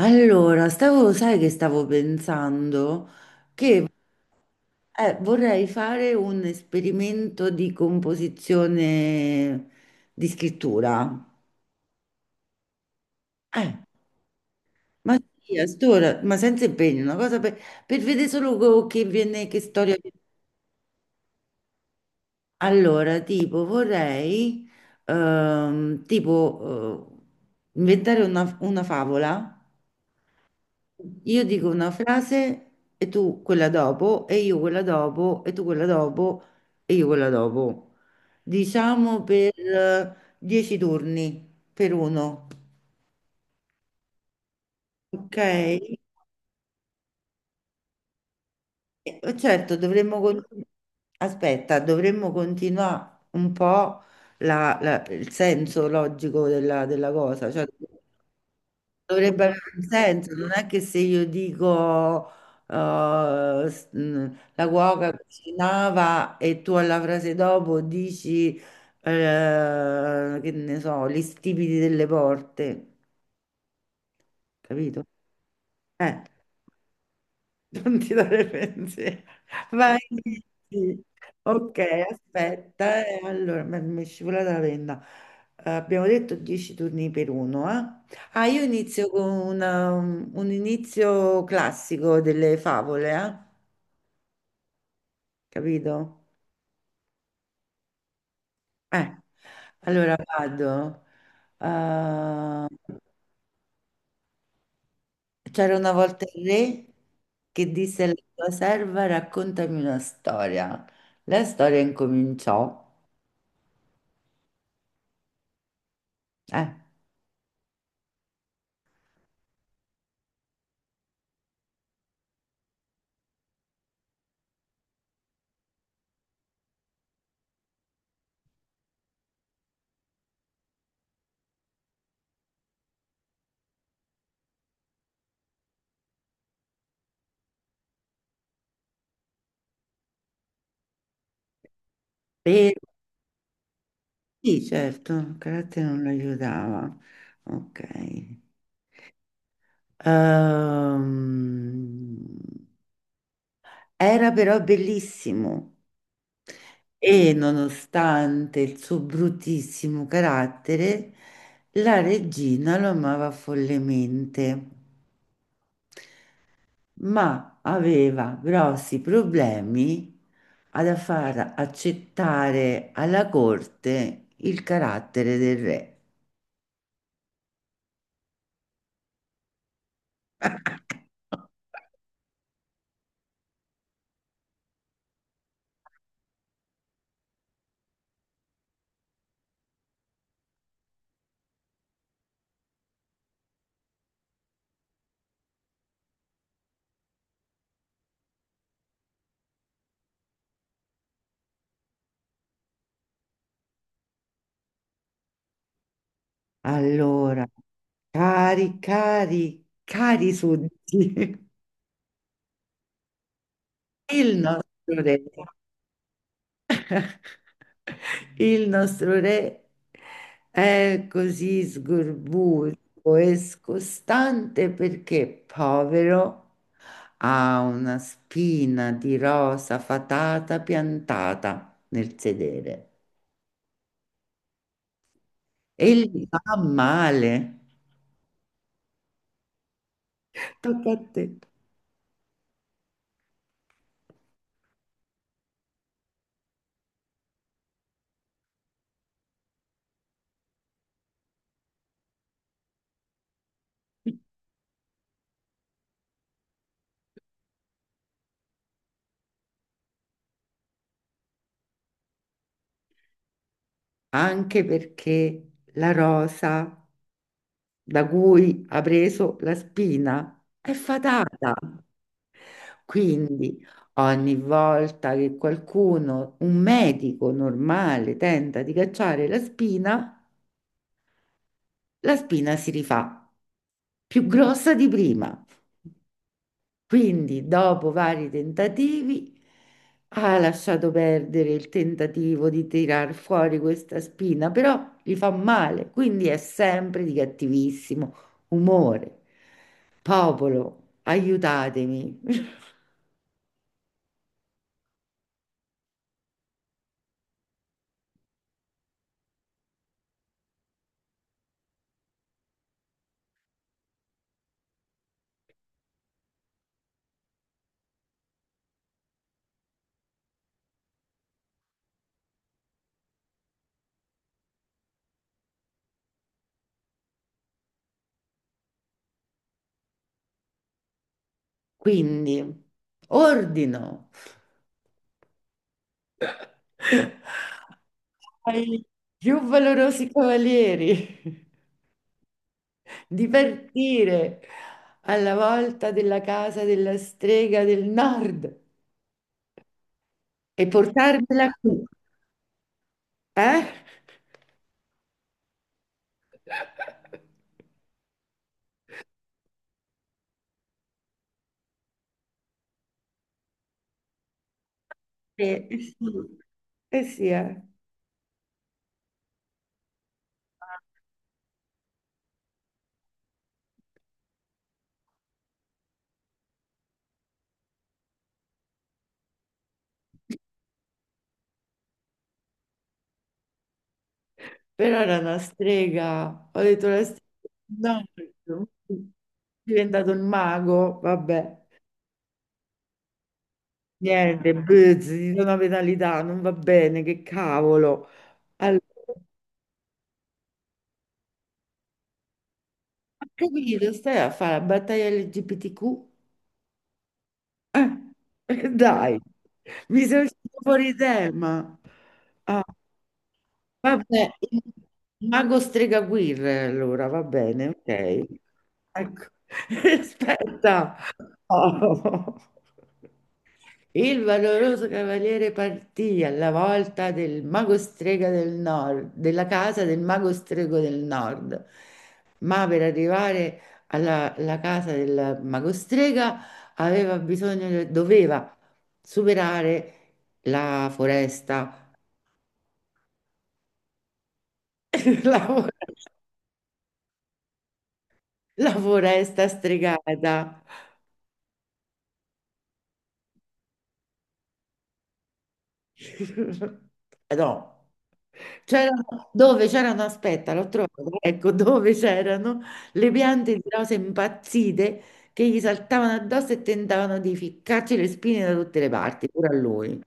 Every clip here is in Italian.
Allora, stavo, sai che stavo pensando? Vorrei fare un esperimento di composizione di scrittura. Eh, ma sì, a st'ora, ma senza impegno, una cosa per vedere solo che viene, che storia. Allora, tipo, vorrei, tipo, inventare una favola. Io dico una frase e tu quella dopo, e io quella dopo, e tu quella dopo, e io quella dopo. Diciamo per 10 turni, per uno. Ok? Certo, dovremmo... Aspetta, dovremmo continuare un po' il senso logico della cosa. Cioè, dovrebbe avere un senso, non è che se io dico eh, s- mh, la cuoca cucinava e tu alla frase dopo dici che ne so, gli stipiti delle porte, capito? Eh, Non ti dare pensiero. Vai. Sì. Ok, aspetta. Allora, mi è scivolata la penna. Abbiamo detto 10 turni per uno, eh? Ah, io inizio con un inizio classico delle favole, eh? Capito? Eh, allora vado. Eh, c'era una volta il re che disse alla sua serva, raccontami una storia. La storia incominciò. Eh. Sì, certo, il carattere non lo aiutava. Ok. Ehm, Era però bellissimo e nonostante il suo bruttissimo carattere, la regina lo amava follemente, ma aveva grossi problemi ad far accettare alla corte il carattere del re. Allora. Cari, cari, cari sudditi, il nostro re, il nostro re è così sgorbuto e scostante perché, povero, ha una spina di rosa fatata piantata nel sedere e gli fa male. Tocca a te. Anche perché la rosa da cui ha preso la spina è fatata. Quindi ogni volta che qualcuno, un medico normale, tenta di cacciare la spina si rifà più grossa di prima. Quindi, dopo vari tentativi, ha lasciato perdere il tentativo di tirar fuori questa spina, però gli fa male, quindi è sempre di cattivissimo umore. Popolo, aiutatemi. Quindi, ordino ai più valorosi cavalieri di partire alla volta della casa della strega del nord e portarmela qui. Eh? Eh sì, eh sì, eh. Però era una strega. Ho detto la strega, no, è diventato un mago, vabbè. Niente, buzz, ci sono penalità, non va bene, che cavolo. Allora, ho capito, stai a fare la battaglia LGBTQ? Dai, mi sei uscito fuori tema. Ah. Vabbè, il mago Stregaguirre, allora va bene, ok. Ecco. Aspetta. Oh. Il valoroso cavaliere partì alla volta del mago strega del nord, della casa del mago strego del nord, ma per arrivare alla casa del mago strega aveva bisogno, doveva superare la foresta. La foresta. La foresta stregata. No. C'erano, dove c'erano, aspetta, l'ho trovato, ecco, dove c'erano le piante di rose impazzite che gli saltavano addosso e tentavano di ficcarci le spine da tutte le parti, pure a lui.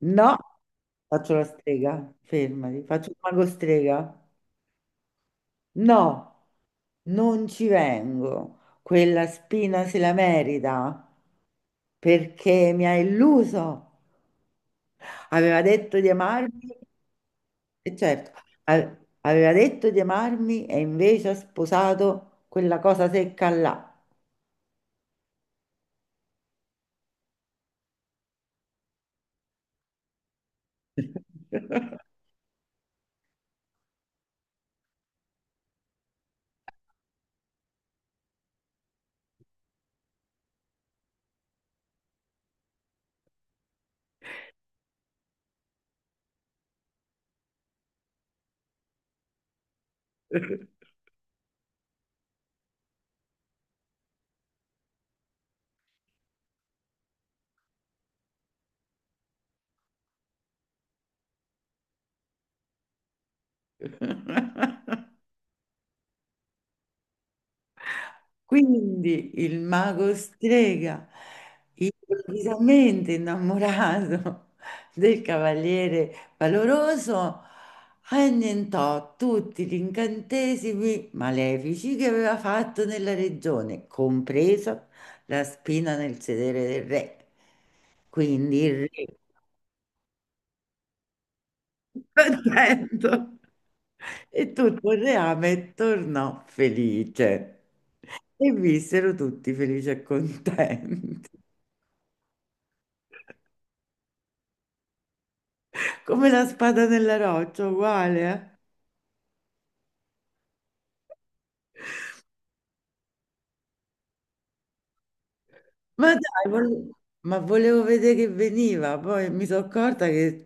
No, faccio la strega, fermati, faccio il mago strega. No, non ci vengo. Quella spina se la merita perché mi ha illuso. Aveva detto di amarmi, e certo, a- aveva detto di amarmi e invece ha sposato quella cosa secca là. Quindi il mago strega, improvvisamente innamorato del cavaliere valoroso, annientò tutti gli incantesimi malefici che aveva fatto nella regione, compresa la spina nel sedere del re. Quindi il re contento. E tutto il reame tornò felice. E vissero tutti felici e contenti. Come la spada nella roccia, uguale. Eh. Ma dai, ma volevo vedere che veniva, poi mi sono accorta che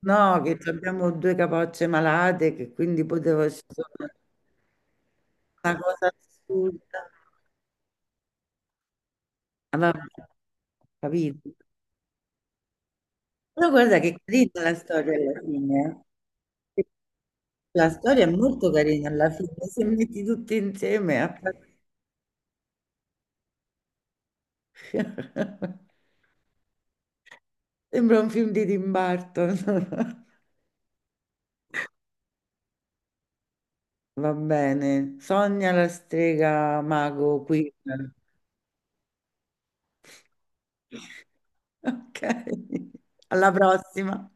no, che abbiamo due capocce malate, che quindi potevo scegliere una cosa assurda. Ma vabbè, capito? Però guarda che carina la storia alla fine. Eh. La storia è molto carina alla fine, se metti tutti insieme sembra un film di Tim Burton. Va bene. Sogna la strega mago qui. Ok. Alla prossima.